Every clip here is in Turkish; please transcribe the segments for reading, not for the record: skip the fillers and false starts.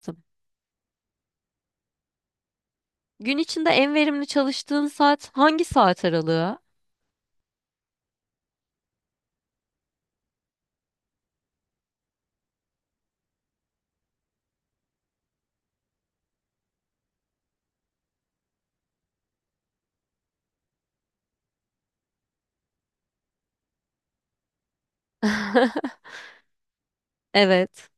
Tabii. Gün içinde en verimli çalıştığın saat hangi saat aralığı? Evet.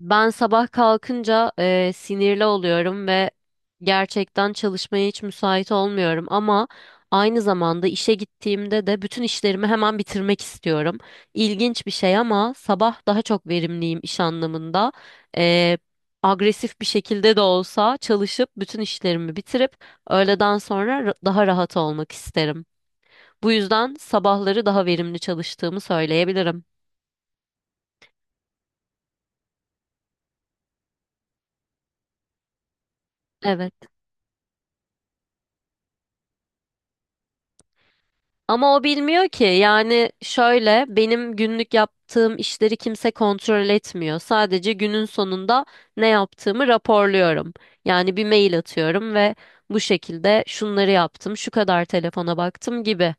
Ben sabah kalkınca sinirli oluyorum ve gerçekten çalışmaya hiç müsait olmuyorum ama aynı zamanda işe gittiğimde de bütün işlerimi hemen bitirmek istiyorum. İlginç bir şey ama sabah daha çok verimliyim iş anlamında. E, Agresif bir şekilde de olsa çalışıp bütün işlerimi bitirip öğleden sonra daha rahat olmak isterim. Bu yüzden sabahları daha verimli çalıştığımı söyleyebilirim. Evet. Ama o bilmiyor ki. Yani şöyle benim günlük yaptığım işleri kimse kontrol etmiyor. Sadece günün sonunda ne yaptığımı raporluyorum. Yani bir mail atıyorum ve bu şekilde şunları yaptım, şu kadar telefona baktım gibi.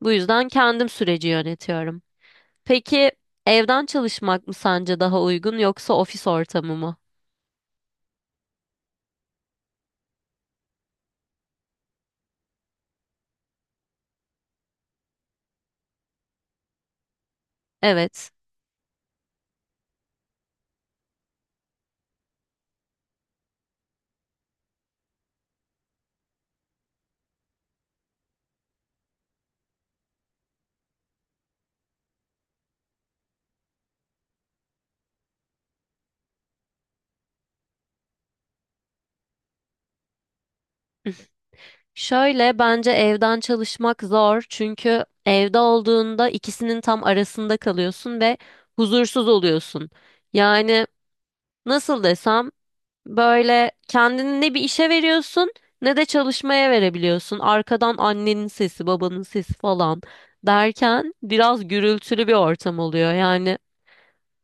Bu yüzden kendim süreci yönetiyorum. Peki evden çalışmak mı sence daha uygun yoksa ofis ortamı mı? Evet. Şöyle bence evden çalışmak zor çünkü evde olduğunda ikisinin tam arasında kalıyorsun ve huzursuz oluyorsun. Yani nasıl desem böyle kendini ne bir işe veriyorsun ne de çalışmaya verebiliyorsun. Arkadan annenin sesi, babanın sesi falan derken biraz gürültülü bir ortam oluyor. Yani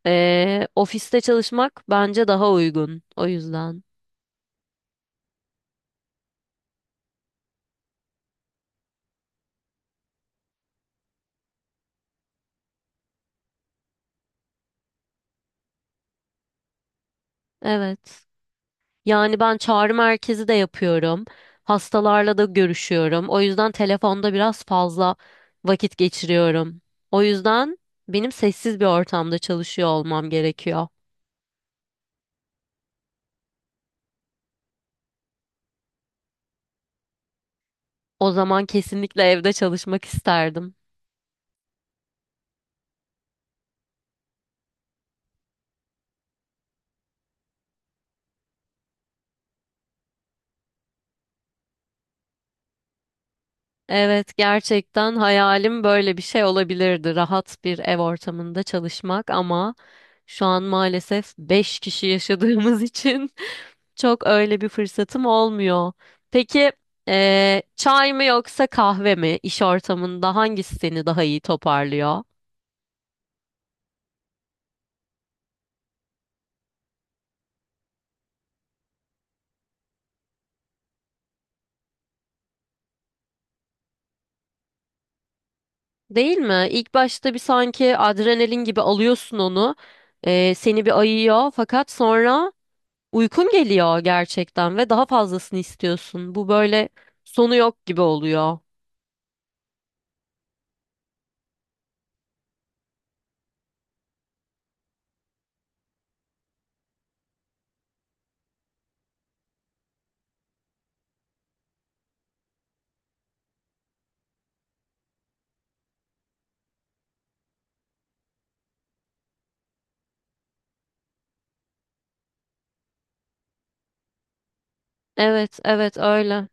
ofiste çalışmak bence daha uygun o yüzden. Evet. Yani ben çağrı merkezi de yapıyorum. Hastalarla da görüşüyorum. O yüzden telefonda biraz fazla vakit geçiriyorum. O yüzden benim sessiz bir ortamda çalışıyor olmam gerekiyor. O zaman kesinlikle evde çalışmak isterdim. Evet, gerçekten hayalim böyle bir şey olabilirdi. Rahat bir ev ortamında çalışmak ama şu an maalesef 5 kişi yaşadığımız için çok öyle bir fırsatım olmuyor. Peki çay mı yoksa kahve mi, İş ortamında hangisi seni daha iyi toparlıyor? Değil mi? İlk başta bir sanki adrenalin gibi alıyorsun onu. Seni bir ayıyor fakat sonra uykun geliyor gerçekten ve daha fazlasını istiyorsun. Bu böyle sonu yok gibi oluyor. Evet, evet öyle.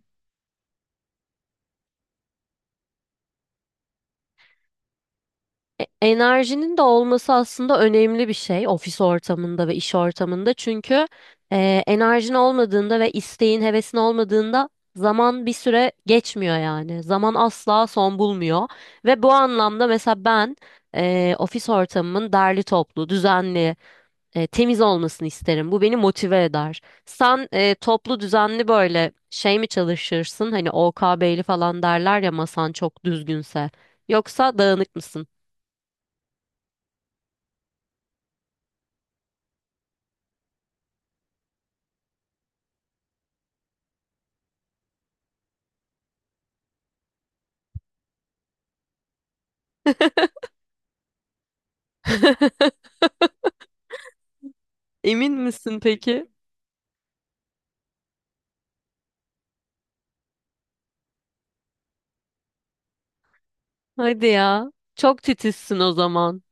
Enerjinin de olması aslında önemli bir şey ofis ortamında ve iş ortamında. Çünkü enerjin olmadığında ve isteğin, hevesin olmadığında zaman bir süre geçmiyor yani. Zaman asla son bulmuyor. Ve bu anlamda mesela ben ofis ortamımın derli toplu, düzenli, temiz olmasını isterim. Bu beni motive eder. Sen toplu, düzenli böyle şey mi çalışırsın? Hani O K OKB'li falan derler ya masan çok düzgünse. Yoksa dağınık mısın? Emin misin peki? Hadi ya. Çok titizsin o zaman.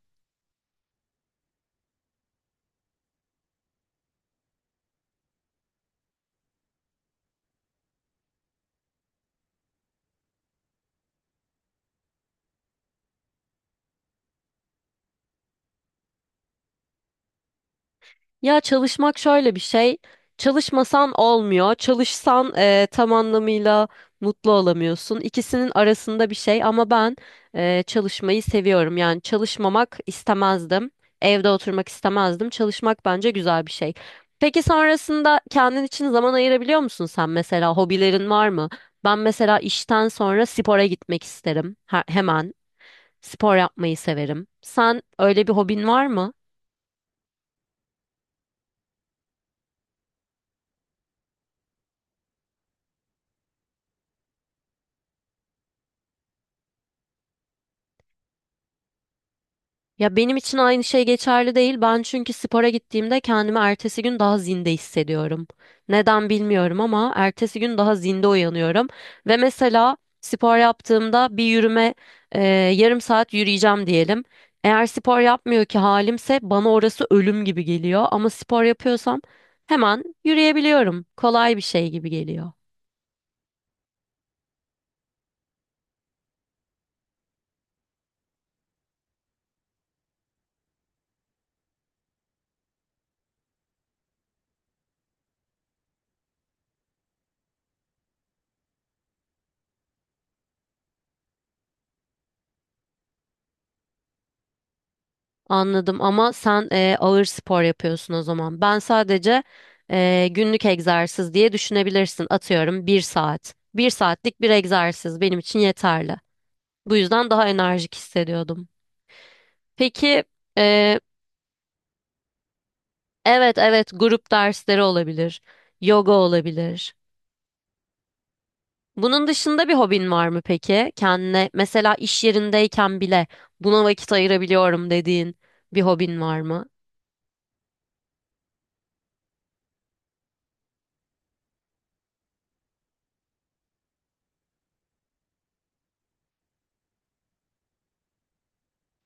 Ya çalışmak şöyle bir şey. Çalışmasan olmuyor. Çalışsan tam anlamıyla mutlu olamıyorsun. İkisinin arasında bir şey ama ben çalışmayı seviyorum. Yani çalışmamak istemezdim. Evde oturmak istemezdim. Çalışmak bence güzel bir şey. Peki sonrasında kendin için zaman ayırabiliyor musun sen mesela? Hobilerin var mı? Ben mesela işten sonra spora gitmek isterim. Hemen spor yapmayı severim. Sen öyle bir hobin var mı? Ya benim için aynı şey geçerli değil. Ben çünkü spora gittiğimde kendimi ertesi gün daha zinde hissediyorum. Neden bilmiyorum ama ertesi gün daha zinde uyanıyorum. Ve mesela spor yaptığımda bir yürüme, e, yarım saat yürüyeceğim diyelim. Eğer spor yapmıyor ki halimse bana orası ölüm gibi geliyor. Ama spor yapıyorsam hemen yürüyebiliyorum. Kolay bir şey gibi geliyor. Anladım ama sen ağır spor yapıyorsun o zaman. Ben sadece günlük egzersiz diye düşünebilirsin. Atıyorum bir saat. Bir saatlik bir egzersiz benim için yeterli. Bu yüzden daha enerjik hissediyordum. Peki e, evet, evet, grup dersleri olabilir. Yoga olabilir. Bunun dışında bir hobin var mı peki? Kendine mesela iş yerindeyken bile buna vakit ayırabiliyorum dediğin bir hobin var mı?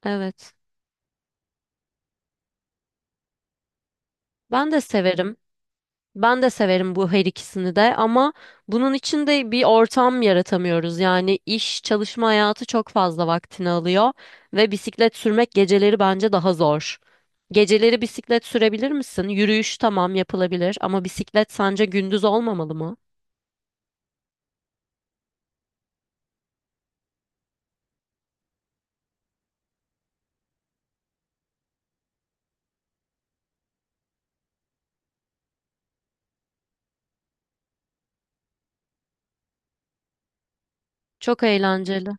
Evet. Ben de severim. Ben de severim bu her ikisini de ama bunun için de bir ortam yaratamıyoruz. Yani iş, çalışma hayatı çok fazla vaktini alıyor ve bisiklet sürmek geceleri bence daha zor. Geceleri bisiklet sürebilir misin? Yürüyüş tamam yapılabilir ama bisiklet sence gündüz olmamalı mı? Çok eğlenceli.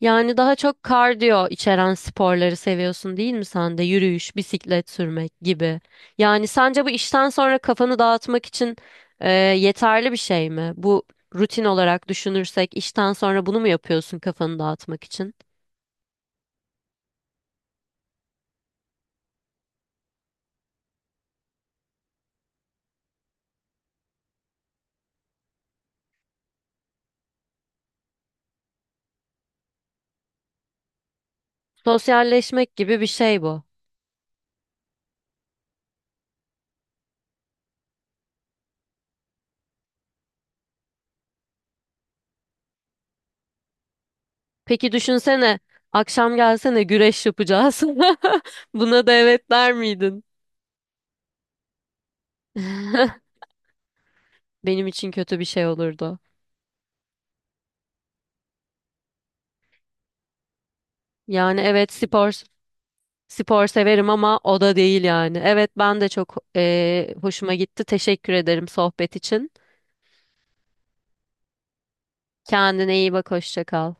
Yani daha çok kardiyo içeren sporları seviyorsun değil mi sen de? Yürüyüş, bisiklet sürmek gibi. Yani sence bu işten sonra kafanı dağıtmak için yeterli bir şey mi? Bu rutin olarak düşünürsek işten sonra bunu mu yapıyorsun kafanı dağıtmak için? Sosyalleşmek gibi bir şey bu. Peki düşünsene akşam gelsene, güreş yapacağız. Buna da evet der miydin? Benim için kötü bir şey olurdu. Yani evet, spor severim ama o da değil yani. Evet, ben de çok hoşuma gitti. Teşekkür ederim sohbet için. Kendine iyi bak, hoşça kal.